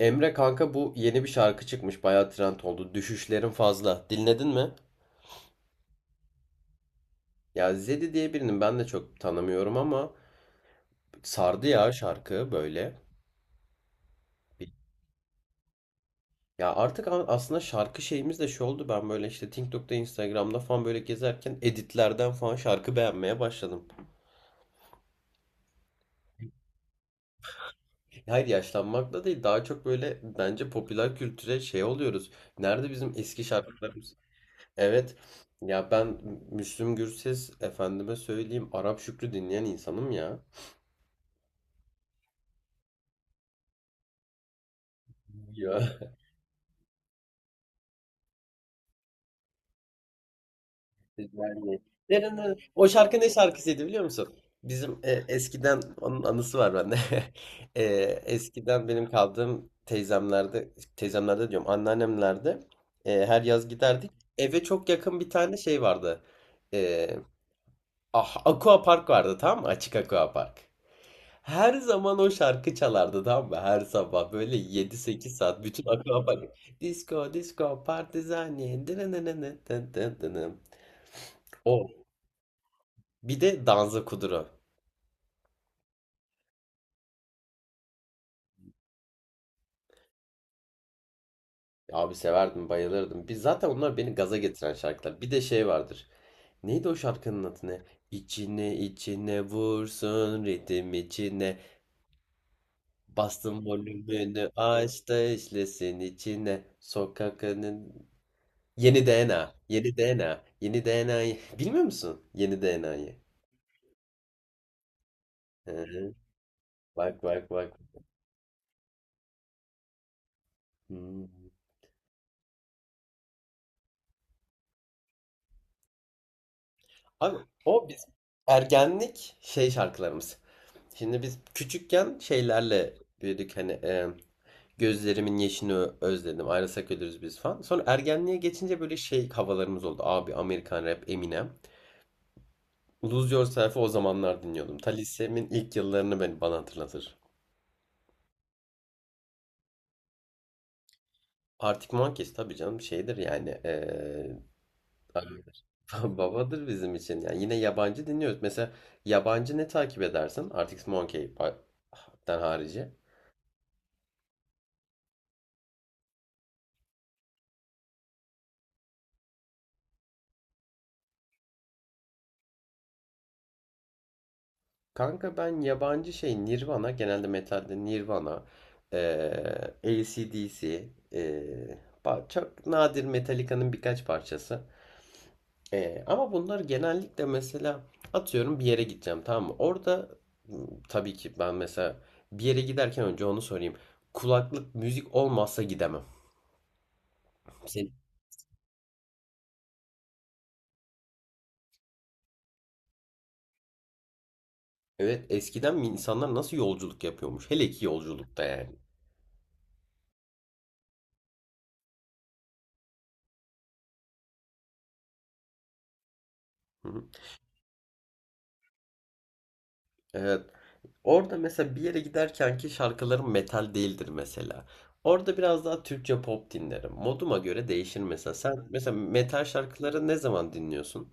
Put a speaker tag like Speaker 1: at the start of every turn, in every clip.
Speaker 1: Emre kanka bu yeni bir şarkı çıkmış. Bayağı trend oldu. Düşüşlerin fazla. Dinledin mi? Ya Zedi diye birinin ben de çok tanımıyorum ama sardı ya şarkı böyle. Ya artık aslında şarkı şeyimiz de şu oldu. Ben böyle işte TikTok'ta, Instagram'da falan böyle gezerken editlerden falan şarkı beğenmeye başladım. Hayır yaşlanmakla değil. Daha çok böyle bence popüler kültüre şey oluyoruz. Nerede bizim eski şarkılarımız? Evet. Ya ben Müslüm Gürses efendime söyleyeyim Arap Şükrü dinleyen insanım ya. Yok, güzel değil. Ne ne ne. O şarkının ne şarkısıydı biliyor musun? Bizim eskiden onun anısı var bende. Eskiden benim kaldığım teyzemlerde, teyzemlerde diyorum, anneannemlerde. Her yaz giderdik. Eve çok yakın bir tane şey vardı. Ah, aqua park vardı tam, açık aqua park. Her zaman o şarkıcı çalardı tam ve her sabah böyle yedi sekiz saat bütün aqua park. Disco disco party zanyen ne ne ne ne ne ne ne ne. O. Bir de Danza Kuduro. Abi severdim, bayılırdım. Biz zaten onlar beni gaza getiren şarkılar. Bir de şey vardır. Neydi o şarkının adı ne? İçine içine vursun ritim içine. Bastım volümünü aç da işlesin içine. Sokakının... Yeni DNA. Yeni DNA. Yeni DNA'yı. Bilmiyor musun? Yeni DNA'yı. Bak bak bak. Hmm. Abi o biz ergenlik şey şarkılarımız. Şimdi biz küçükken şeylerle büyüdük hani, gözlerimin yeşini özledim ayrılsak ölürüz biz falan. Sonra ergenliğe geçince böyle şey havalarımız oldu. Abi Amerikan rap Eminem. Lose Yourself'ı o zamanlar dinliyordum. Ta lisemin ilk yıllarını beni bana hatırlatır. Arctic Monkeys tabii canım şeydir yani, babadır bizim için. Yani yine yabancı dinliyoruz. Mesela yabancı ne takip edersin? Arctic Monkey'den harici. Kanka ben yabancı şey Nirvana, genelde metalde Nirvana, AC/DC, çok nadir Metallica'nın birkaç parçası. Ama bunlar genellikle mesela atıyorum bir yere gideceğim, tamam mı? Orada m, tabii ki ben mesela bir yere giderken önce onu sorayım. Kulaklık müzik olmazsa gidemem. Senin- Evet, eskiden mi insanlar nasıl yolculuk yapıyormuş? Hele ki yolculukta yani. Hı hı. Evet. Orada mesela bir yere giderken ki şarkılarım metal değildir mesela. Orada biraz daha Türkçe pop dinlerim. Moduma göre değişir mesela. Sen mesela metal şarkıları ne zaman dinliyorsun?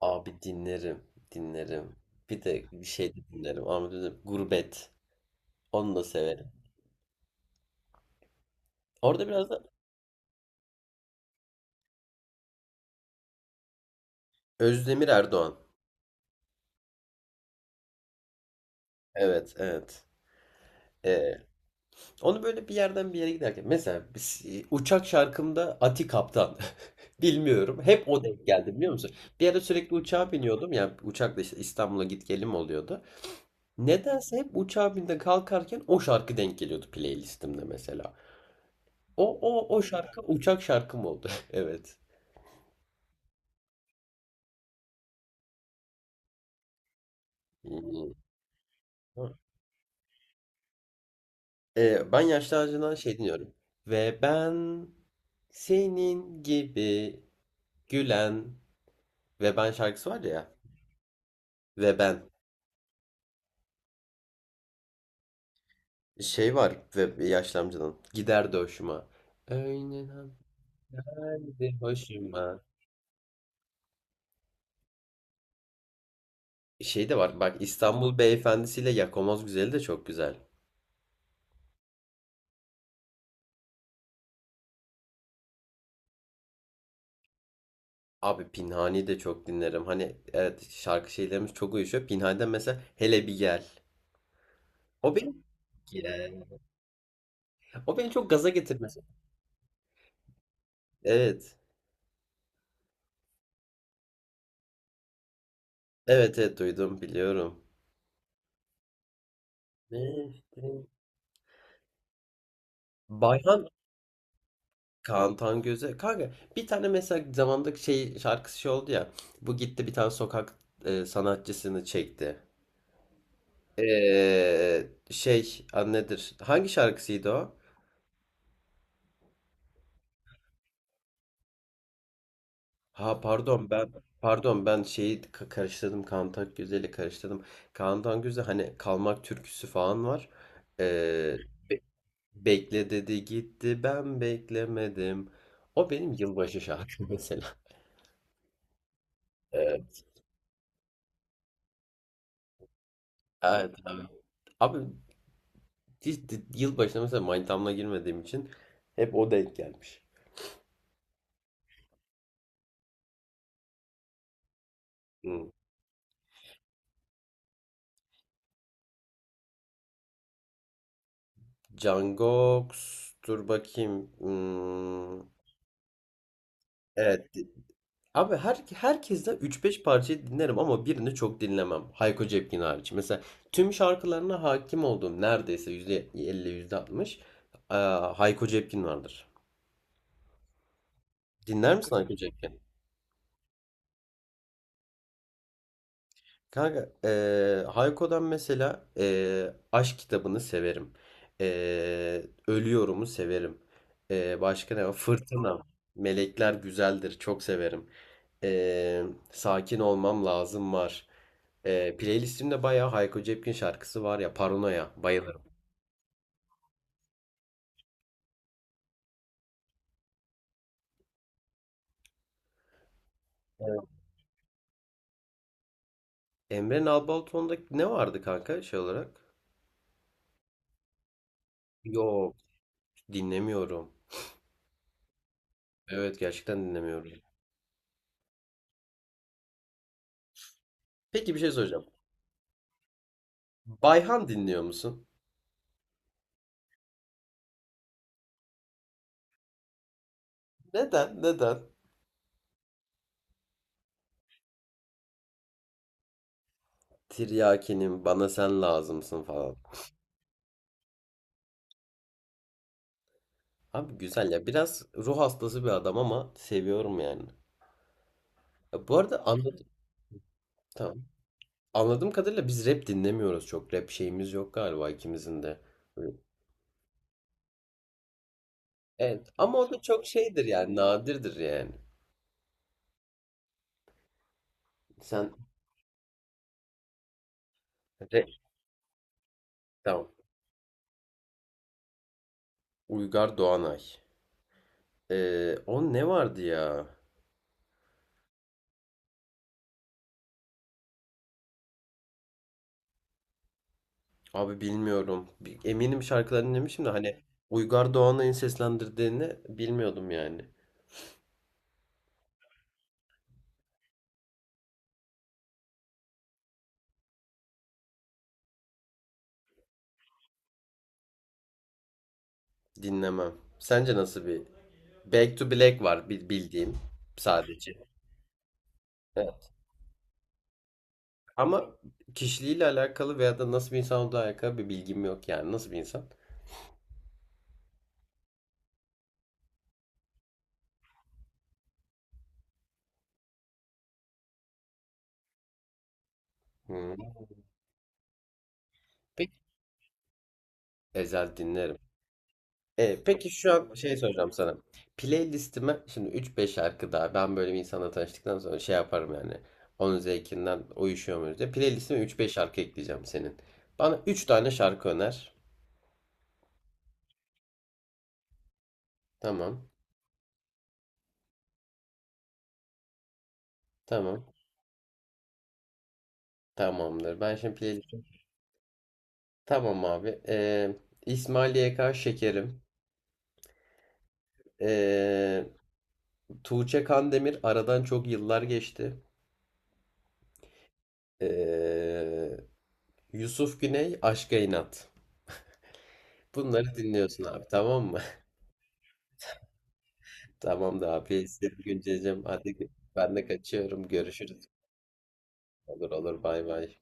Speaker 1: Abi dinlerim, dinlerim. Bir de bir şey de dinlerim. Ama bir Gurbet. Onu da severim. Orada biraz da Özdemir Erdoğan. Evet, evet. Ee, onu böyle bir yerden bir yere giderken. Mesela uçak şarkımda Ati Kaptan. Bilmiyorum. Hep o denk geldi biliyor musun? Bir ara sürekli uçağa biniyordum. Yani uçakla işte İstanbul'a git gelim oluyordu. Nedense hep uçağa binde kalkarken o şarkı denk geliyordu playlistimde mesela. O şarkı uçak şarkım oldu. Evet. Hmm. Ben Yaşlı Ağacı'ndan şey dinliyorum. Ve ben senin gibi gülen ve ben şarkısı var ya. Ve ben şey var ve yaşlı amcanın gider de hoşuma. Öyle haberdi hoşuma. Şey de var bak, İstanbul Beyefendisiyle ile Yakamaz Güzeli de çok güzel. Abi Pinhani de çok dinlerim. Hani evet, şarkı şeylerimiz çok uyuşuyor. Pinhani'den mesela Hele Bir Gel. O beni Gel. O beni çok gaza getirmesi. Evet. Evet, evet duydum, biliyorum. Mevsim. Bayhan Kaan Tangöze. Kanka bir tane mesela zamanda şey şarkısı şey oldu ya. Bu gitti bir tane sokak, sanatçısını çekti. Şey adı nedir? Hangi şarkısıydı o? Ha pardon ben, şeyi karıştırdım, Kaan Güzel'i karıştırdım. Kaan Güzel hani Kalmak türküsü falan var. Ee, be- bekle dedi gitti, ben beklemedim. O benim yılbaşı şarkım mesela. Evet, evet, evet. Abi hiç yılbaşına mesela manitamla girmediğim için hep o denk gelmiş. Hmm. Cangoks dur bakayım. Hmm, evet. Abi herkesten üç beş parçayı dinlerim ama birini çok dinlemem. Hayko Cepkin hariç. Mesela tüm şarkılarına hakim olduğum neredeyse %50 %60 eee, Hayko Cepkin vardır. Dinler misin Hayko Cepkin? Kanka Hayko'dan mesela Aşk kitabını severim. Ölüyorum'u severim. Başka ne var? Fırtına. Melekler Güzeldir. Çok severim. Ee, sakin olmam lazım var. Playlistimde bayağı Hayko Cepkin şarkısı var ya, Paranoya. Bayılırım. Evet. Emre Nalbalıton'da ne vardı kanka şey olarak? Yok, dinlemiyorum. Evet, gerçekten dinlemiyorum. Peki bir şey soracağım. Bayhan dinliyor musun? Neden? Neden? Tiryaki'nin bana sen lazımsın falan. Abi güzel ya. Biraz ruh hastası bir adam ama seviyorum yani. Ya bu arada anlat... Tamam. Anladığım kadarıyla biz rap dinlemiyoruz çok. Rap şeyimiz yok galiba ikimizin de. Evet. Ama o da çok şeydir yani, nadirdir yani. Sen rap. Tamam. Uygar Doğanay. O ne vardı ya? Abi bilmiyorum. Eminim şarkılarını dinlemişim de hani Uygar Doğanay'ın seslendirdiğini bilmiyordum yani. Dinlemem. Sence nasıl bir? Back to Black var bildiğim sadece. Evet. Ama kişiliğiyle alakalı veya da nasıl bir insan olduğu alakalı bir bilgim yok yani. Nasıl bir insan? Hmm. Peki Ezel dinlerim. Peki şu an şey soracağım sana. Playlistime şimdi üç beş şarkı daha, ben böyle bir insanla tanıştıktan sonra şey yaparım yani. Onun zevkinden uyuşuyor muyuz diye. Playlistime üç beş şarkı ekleyeceğim senin. Bana üç tane şarkı öner. Tamam. Tamam. Tamamdır. Ben şimdi playlistim. Tamam abi. İsmail YK Şekerim. E, Tuğçe Kandemir aradan çok yıllar geçti. E, Yusuf Güney Aşka İnat. Bunları dinliyorsun abi, tamam mı? Tamamdır abi. Seni güncelleyeceğim. Hadi ben de kaçıyorum. Görüşürüz. Olur olur, bay bay.